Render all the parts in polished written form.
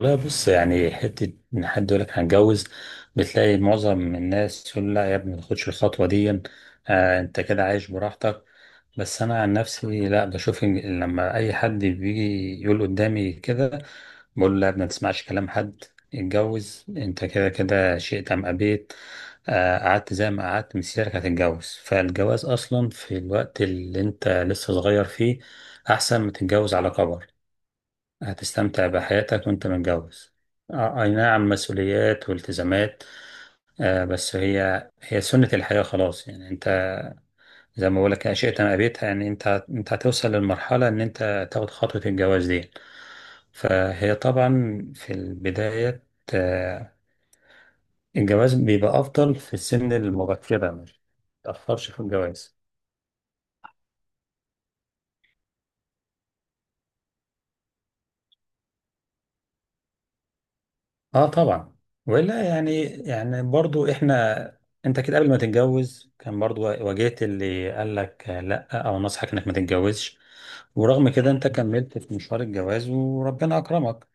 لا بص، يعني حتة إن حد يقول لك هنتجوز بتلاقي معظم الناس يقول لا يا ابني ما تاخدش الخطوة دي. آه أنت كده عايش براحتك. بس أنا عن نفسي لا، بشوف إن لما أي حد بيجي يقول قدامي كده بقول له لا يا ابني ما تسمعش كلام حد، اتجوز. أنت كده كده شئت أم أبيت. آه قعدت زي ما قعدت مسيرك هتتجوز، فالجواز أصلا في الوقت اللي أنت لسه صغير فيه أحسن ما تتجوز على كبر. هتستمتع بحياتك وانت متجوز. آه، اي نعم مسؤوليات والتزامات، بس هي سنة الحياة خلاص. يعني انت زي ما بقولك اشياء ما قابلتها، يعني انت هتوصل للمرحلة ان انت تاخد خطوة الجواز دي. فهي طبعا في البداية، آه، الجواز بيبقى افضل في السن المبكرة، مش متأخرش في الجواز. اه طبعا. ولا يعني، برضو احنا انت كده قبل ما تتجوز كان برضو واجهت اللي قال لك لا او نصحك انك ما تتجوزش، ورغم كده انت كملت في مشوار الجواز وربنا اكرمك.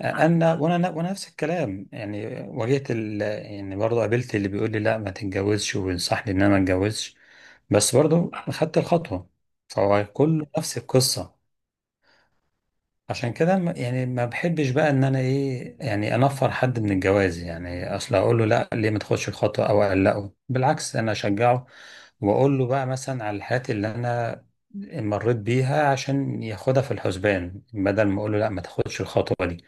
انا وانا وانا نفس الكلام، يعني واجهت يعني برضو قابلت اللي بيقول لي لا ما تتجوزش وينصحني ان انا ما اتجوزش، بس برضو خدت الخطوة. فهو كله نفس القصة. عشان كده يعني ما بحبش بقى ان انا ايه، يعني انفر حد من الجواز، يعني اصل اقول له لا ليه ما تاخدش الخطوه او اقلقه. بالعكس انا اشجعه واقول له بقى مثلا على الحاجات اللي انا مريت بيها عشان ياخدها في الحسبان، بدل ما اقول له لا ما تاخدش الخطوه دي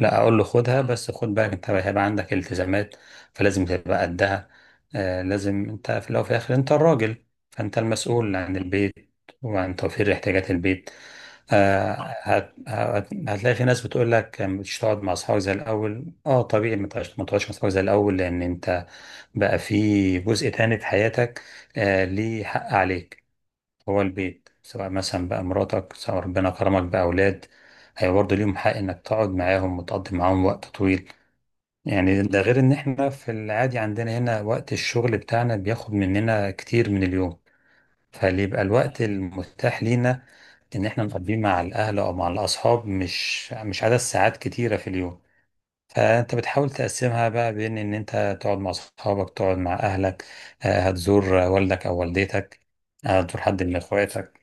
لا اقول له خدها، بس خد بالك انت هيبقى عندك التزامات فلازم تبقى قدها. آه لازم، انت في الاول وفي الاخر انت الراجل، فانت المسؤول عن البيت وعن توفير احتياجات البيت. آه، هت هت هتلاقي في ناس بتقول لك مش تقعد مع اصحابك زي الاول. اه طبيعي، ما تقعدش مع اصحابك زي الاول لان انت بقى في جزء تاني في حياتك. آه ليه حق عليك، هو البيت سواء مثلا بقى مراتك، سواء ربنا كرمك بأولاد هي برضه ليهم حق إنك تقعد معاهم وتقضي معاهم وقت طويل. يعني ده غير إن إحنا في العادي عندنا هنا وقت الشغل بتاعنا بياخد مننا كتير من اليوم، فاللي يبقى الوقت المتاح لينا إن إحنا نقضيه مع الأهل أو مع الأصحاب مش عدد ساعات كتيرة في اليوم. فأنت بتحاول تقسمها بقى بين إن أنت تقعد مع أصحابك، تقعد مع أهلك، آه، هتزور والدك أو والدتك، آه، هتزور حد من إخواتك.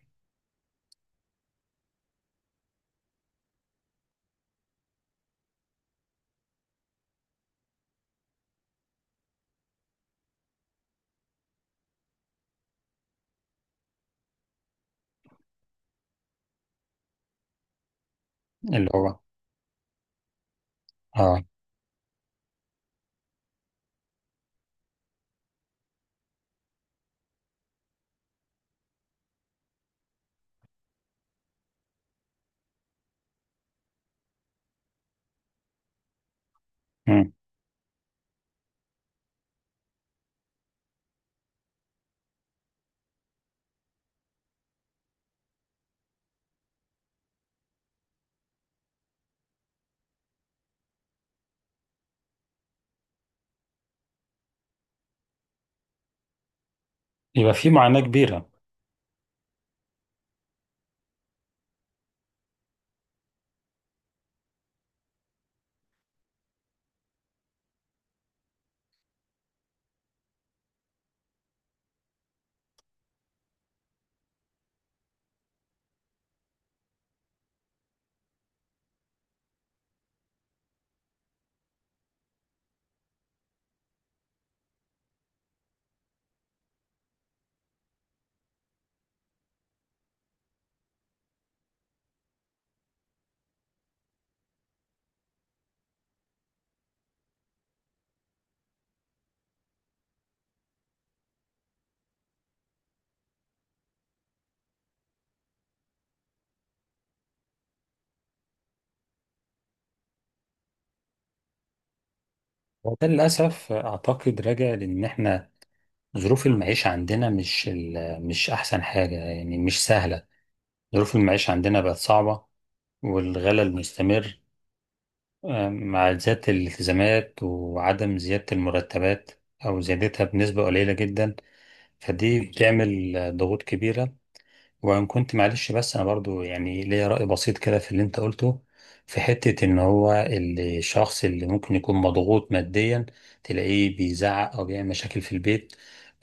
اللي هو اه. مم. يبقى في معاناة كبيرة. وده للأسف أعتقد راجع لأن إحنا ظروف المعيشة عندنا مش أحسن حاجة، يعني مش سهلة. ظروف المعيشة عندنا بقت صعبة والغلاء المستمر، آه، مع زيادة الالتزامات وعدم زيادة المرتبات أو زيادتها بنسبة قليلة جدا. فدي بتعمل ضغوط كبيرة. وان كنت معلش بس انا برضو يعني ليا رأي بسيط كده في اللي انت قلته، في حتة ان هو الشخص اللي ممكن يكون مضغوط ماديا تلاقيه بيزعق او بيعمل مشاكل في البيت،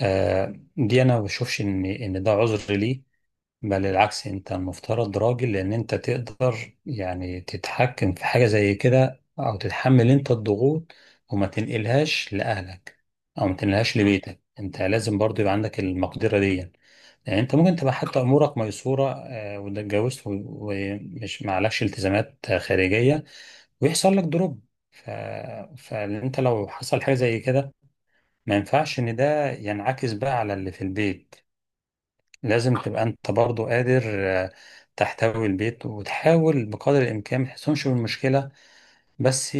آه دي انا ما بشوفش ان ده عذر ليه. بل العكس انت المفترض راجل، لان انت تقدر يعني تتحكم في حاجة زي كده او تتحمل انت الضغوط وما تنقلهاش لأهلك او ما تنقلهاش لبيتك. انت لازم برضو يبقى عندك المقدرة دي. يعني انت ممكن تبقى حتى امورك ميسورة، آه، واتجوزت ومش معلكش التزامات آه، خارجية، ويحصل لك دروب. ف... فانت لو حصل حاجة زي كده ما ينفعش ان ده ينعكس بقى على اللي في البيت. لازم تبقى انت برضو قادر، آه، تحتوي البيت وتحاول بقدر الامكان ما تحسنش بالمشكله. بس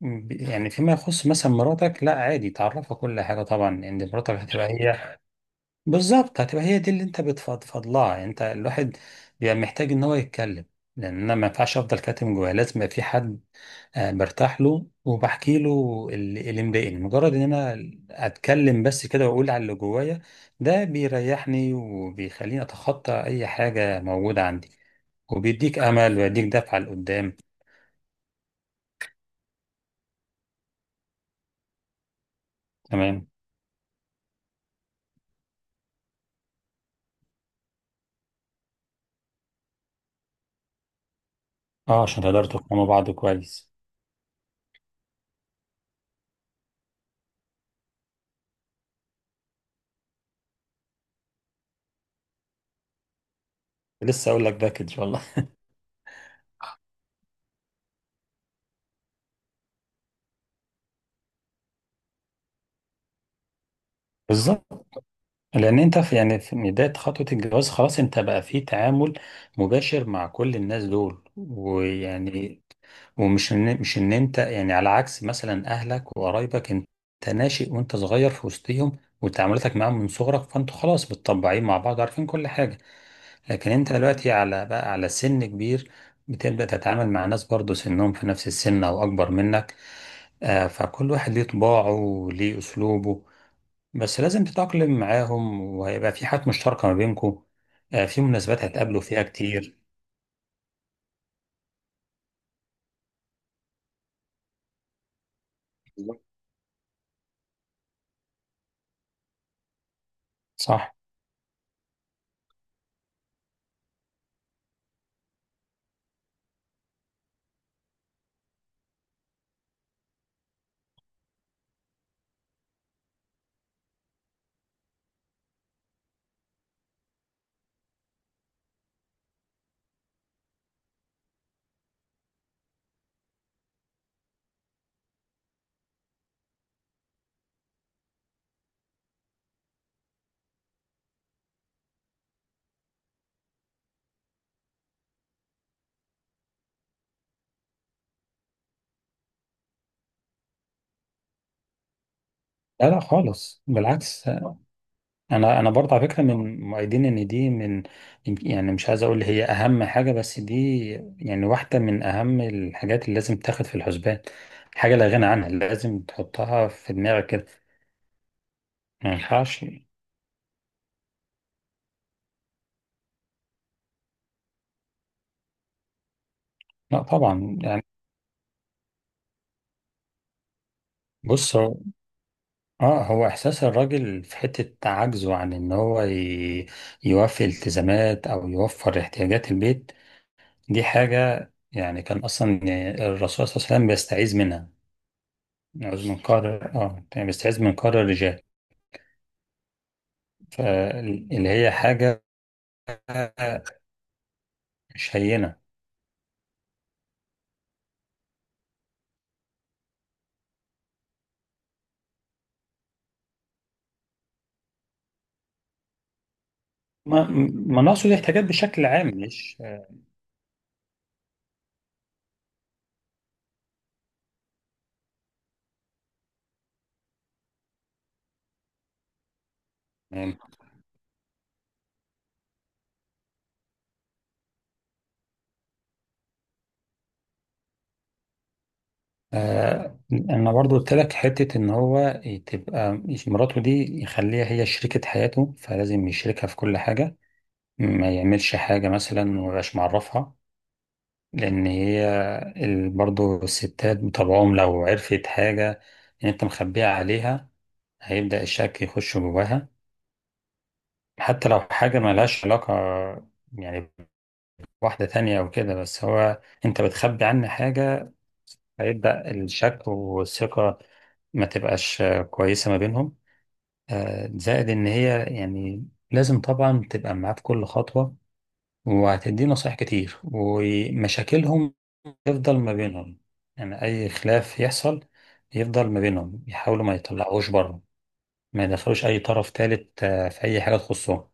يعني فيما يخص مثلا مراتك لا عادي، تعرفها كل حاجه طبعا. ان مراتك هتبقى هي، بالظبط هتبقى هي دي اللي انت بتفضفض لها. يعني انت الواحد بيبقى محتاج ان هو يتكلم، لان انا ما ينفعش افضل كاتم جوايا، لازم يبقى في حد آه، برتاح له وبحكي له اللي مضايقني. مجرد ان انا اتكلم بس كده واقول على اللي جوايا ده بيريحني وبيخليني اتخطى اي حاجة موجودة عندي، وبيديك امل ويديك دفعة لقدام. تمام. اه عشان تقدروا تفهموا بعض كويس. لسه اقول لك ده كده ان شاء الله. بالظبط، لان انت في يعني في بدايه خطوه الجواز خلاص انت بقى في تعامل مباشر مع كل الناس دول ويعني، ومش ان مش ان انت يعني على عكس مثلا اهلك وقرايبك، انت ناشئ وانت صغير في وسطهم وتعاملاتك معاهم من صغرك فانتوا خلاص متطبعين مع بعض عارفين كل حاجه. لكن انت دلوقتي على بقى على سن كبير بتبدا تتعامل مع ناس برضه سنهم في نفس السن او اكبر منك، آه، فكل واحد ليه طباعه وليه اسلوبه، بس لازم تتأقلم معاهم وهيبقى في حاجات مشتركة ما بينكم، آه، في مناسبات هتقابلوا فيها كتير. صح؟ لا لا خالص، بالعكس آه، انا انا برضه على فكره من مؤيدين ان دي من، يعني مش عايز اقول هي اهم حاجه، بس دي يعني واحده من اهم الحاجات اللي لازم تاخد في الحسبان. حاجه لا غنى عنها، لازم تحطها في دماغك كده. ما ينفعش. لا طبعا يعني، بص اه هو احساس الراجل في حتة عجزه عن ان هو يوفي التزامات او يوفر احتياجات البيت، دي حاجة يعني كان اصلا الرسول صلى الله عليه وسلم بيستعيذ منها، يعوذ من قهر، اه يعني بيستعيذ من قهر الرجال. فاللي هي حاجة مش هينة. ما ما نقصد احتياجات بشكل عام مش، يعني، آه انا برضو قلت لك حته ان هو تبقى مراته دي يخليها هي شريكة حياته، فلازم يشركها في كل حاجة، ما يعملش حاجة مثلا ومبقاش معرفها. لأن هي برضو الستات بطبعهم لو عرفت حاجة إن أنت مخبيها عليها هيبدأ الشك يخش جواها، حتى لو حاجة ملهاش علاقة يعني بواحدة تانية أو كده، بس هو أنت بتخبي عنه حاجة، هيبدأ الشك والثقة ما تبقاش كويسة ما بينهم. آه، زائد إن هي يعني لازم طبعا تبقى معاه في كل خطوة، وهتديه نصايح كتير ومشاكلهم يفضل ما بينهم. يعني أي خلاف يحصل يفضل ما بينهم، يحاولوا ما يطلعوش بره، ما يدخلوش أي طرف تالت آه، في أي حاجة تخصهم.